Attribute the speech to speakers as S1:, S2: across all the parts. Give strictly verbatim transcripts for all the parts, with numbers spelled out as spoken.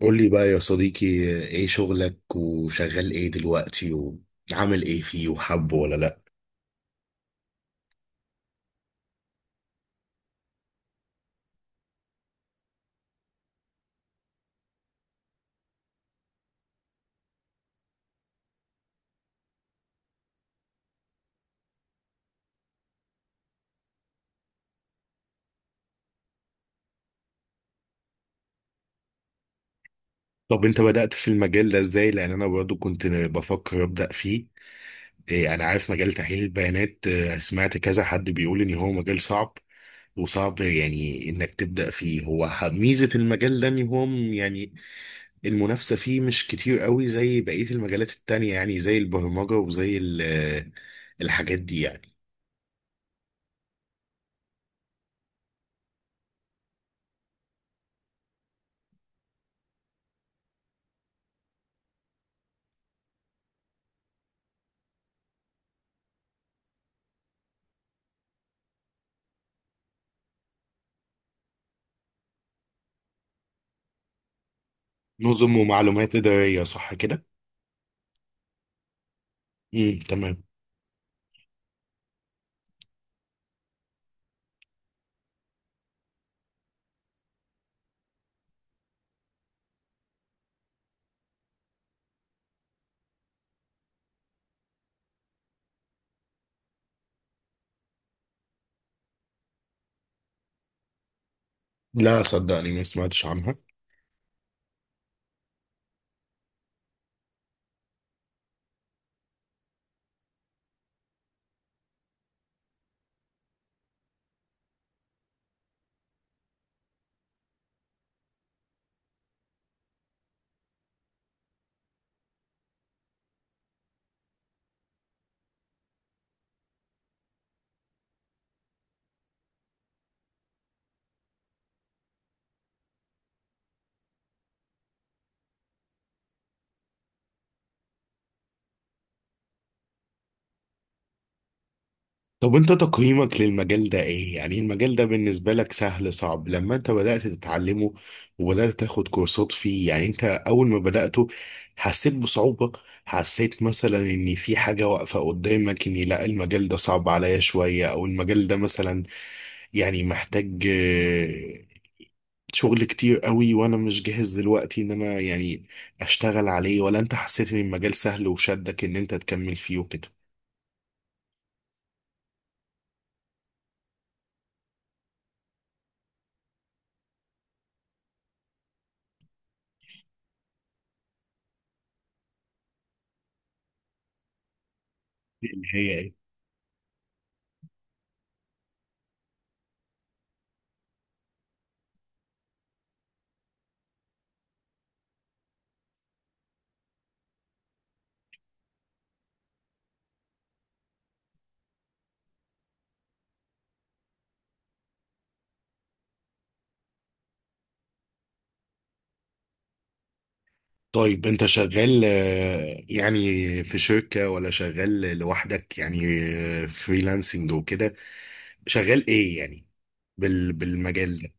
S1: قول لي بقى يا صديقي، ايه شغلك وشغال ايه دلوقتي وعامل ايه فيه وحبه ولا لا؟ طب انت بدأت في المجال ده ازاي؟ لان انا برضو كنت بفكر ابدأ فيه. إيه انا عارف مجال تحليل البيانات، آه، سمعت كذا حد بيقول ان هو مجال صعب وصعب يعني انك تبدأ فيه. هو ح- ميزة المجال ده ان هو م- يعني المنافسة فيه مش كتير قوي زي بقية المجالات التانية، يعني زي البرمجة وزي ال- آه، الحاجات دي يعني. نظم ومعلومات إدارية، صح كده؟ امم تمام. لا، صدقني ما سمعتش عنها. طب انت تقييمك للمجال ده ايه؟ يعني المجال ده بالنسبة لك سهل صعب لما انت بدأت تتعلمه وبدأت تاخد كورسات فيه؟ يعني انت اول ما بدأته حسيت بصعوبة؟ حسيت مثلا ان في حاجة واقفة قدامك اني لا المجال ده صعب عليا شوية، او المجال ده مثلا يعني محتاج آه، شغل كتير قوي وانا مش جاهز دلوقتي ان انا يعني اشتغل عليه، ولا انت حسيت ان المجال سهل وشدك ان انت تكمل فيه وكده؟ اللي هي ايه؟ طيب انت شغال آه، يعني في شركة ولا شغال لوحدك، يعني فريلانسنج وكده؟ شغال ايه يعني بال بالمجال ده؟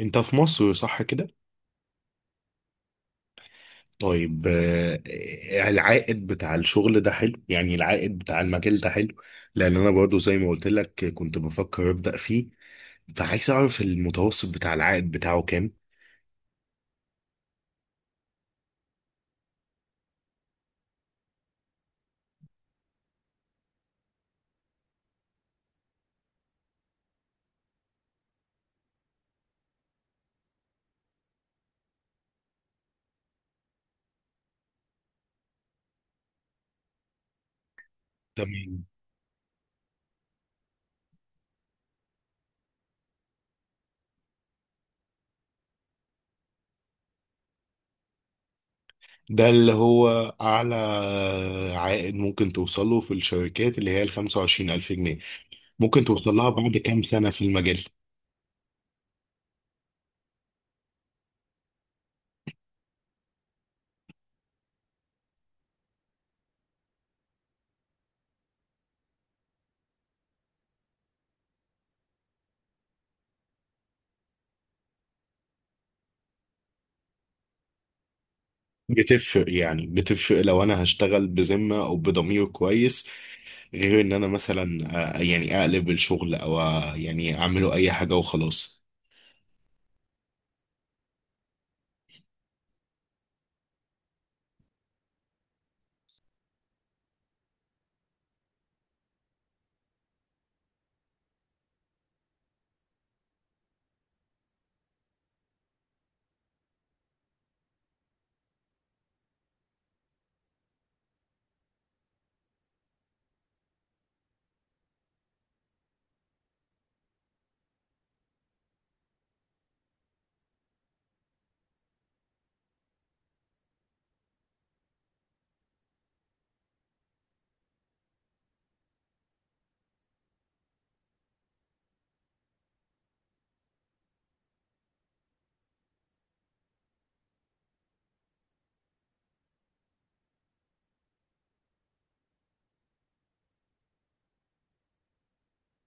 S1: انت في مصر، صح كده؟ طيب، آه، العائد بتاع الشغل ده حلو؟ يعني العائد بتاع المجال ده حلو؟ لان انا برضو زي ما قلت لك كنت بفكر ابدأ فيه، فعايز اعرف المتوسط بتاع العائد بتاعه كام؟ تمام. ده اللي هو أعلى عائد ممكن توصله في الشركات اللي هي ال خمسة وعشرين ألف جنيه؟ ممكن توصل لها بعد كام سنة في المجال؟ بتفرق، يعني بتفرق لو أنا هشتغل بذمة أو بضمير كويس، غير إن أنا مثلا آه، يعني أقلب الشغل، أو آه، يعني أعمله أي حاجة وخلاص.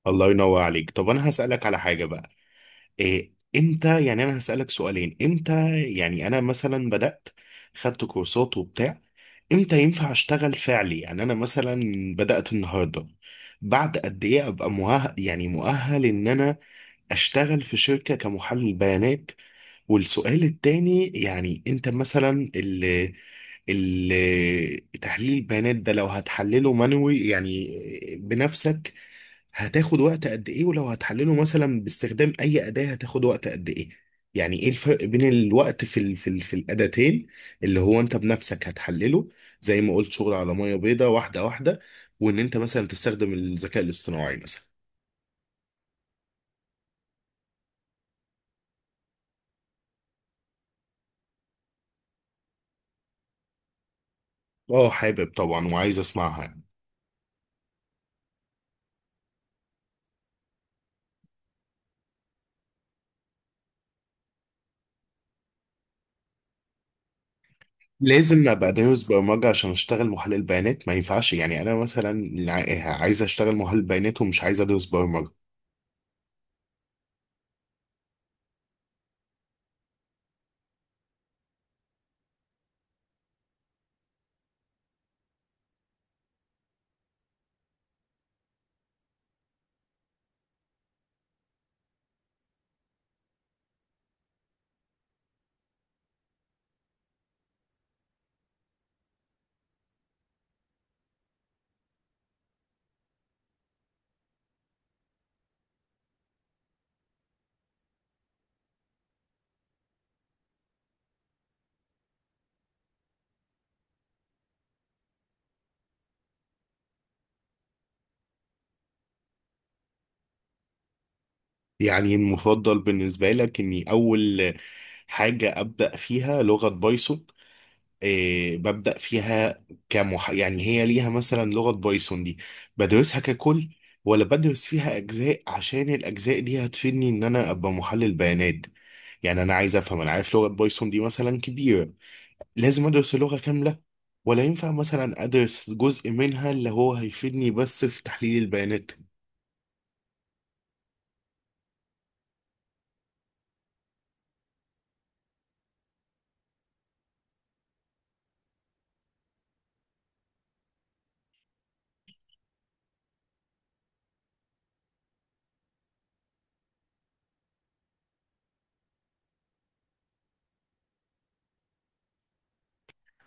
S1: الله ينور عليك. طب أنا هسألك على حاجة بقى، إيه. امتى يعني انا هسألك سؤالين؟ امتى يعني انا مثلا بدأت خدت كورسات وبتاع امتى ينفع اشتغل فعلي؟ يعني انا مثلا بدأت النهارده، بعد قد ايه ابقى مؤهل، يعني مؤهل ان انا اشتغل في شركة كمحلل بيانات؟ والسؤال التاني، يعني انت مثلا اللي ال- تحليل البيانات ده لو هتحلله مانوي، يعني بنفسك، هتاخد وقت قد ايه؟ ولو هتحلله مثلا باستخدام اي اداة هتاخد وقت قد ايه؟ يعني ايه الفرق بين الوقت في ال في ال في الاداتين؟ اللي هو انت بنفسك هتحلله زي ما قلت شغل على ميه بيضاء واحدة واحدة، وان انت مثلا تستخدم الذكاء الاصطناعي مثلا. اه، حابب طبعا وعايز اسمعها يعني. لازم ابقى دارس برمجه عشان اشتغل محلل بيانات؟ ما ينفعش يعني انا مثلا ع- عايز اشتغل محلل بيانات ومش عايز ادرس برمجه؟ يعني المفضل بالنسبة لك إني أول حاجة أبدأ فيها لغة بايثون، إيه؟ ببدأ فيها كمح يعني هي ليها مثلا لغة بايثون دي بدرسها ككل، ولا بدرس فيها أجزاء عشان الأجزاء دي هتفيدني إن أنا أبقى محلل بيانات؟ يعني أنا عايز أفهم، أنا عارف لغة بايثون دي مثلا كبيرة. لازم أدرس اللغة كاملة، ولا ينفع مثلا أدرس جزء منها اللي هو هيفيدني بس في تحليل البيانات؟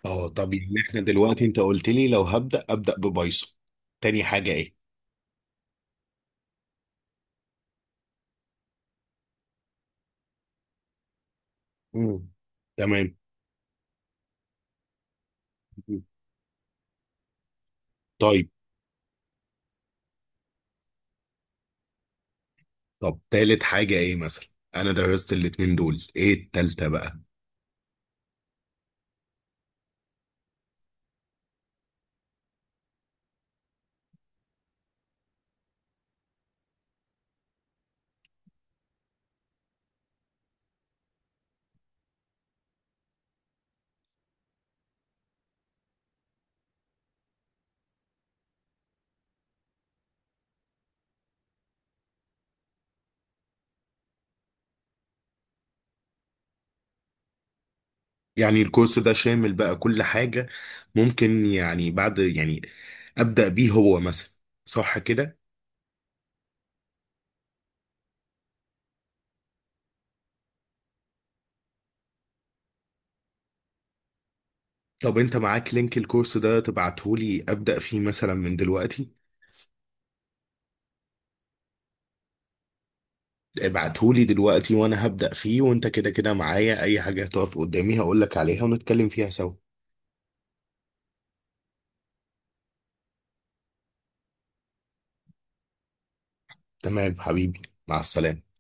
S1: اه، طب يعني احنا دلوقتي انت قلت لي لو هبدأ أبدأ ببايثون. تاني حاجة ايه؟ مم. تمام. مم. طيب. طب تالت حاجة ايه مثلا؟ انا درست الاتنين دول، ايه التالتة بقى؟ يعني الكورس ده شامل بقى كل حاجة؟ ممكن يعني بعد يعني أبدأ بيه هو مثلا، صح كده؟ طب انت معاك لينك الكورس ده، تبعتهولي أبدأ فيه مثلا من دلوقتي؟ ابعتهولي دلوقتي وانا هبدأ فيه، وانت كده كده معايا، اي حاجة هتقف قدامي هقولك عليها ونتكلم فيها سوا. تمام حبيبي، مع السلامة.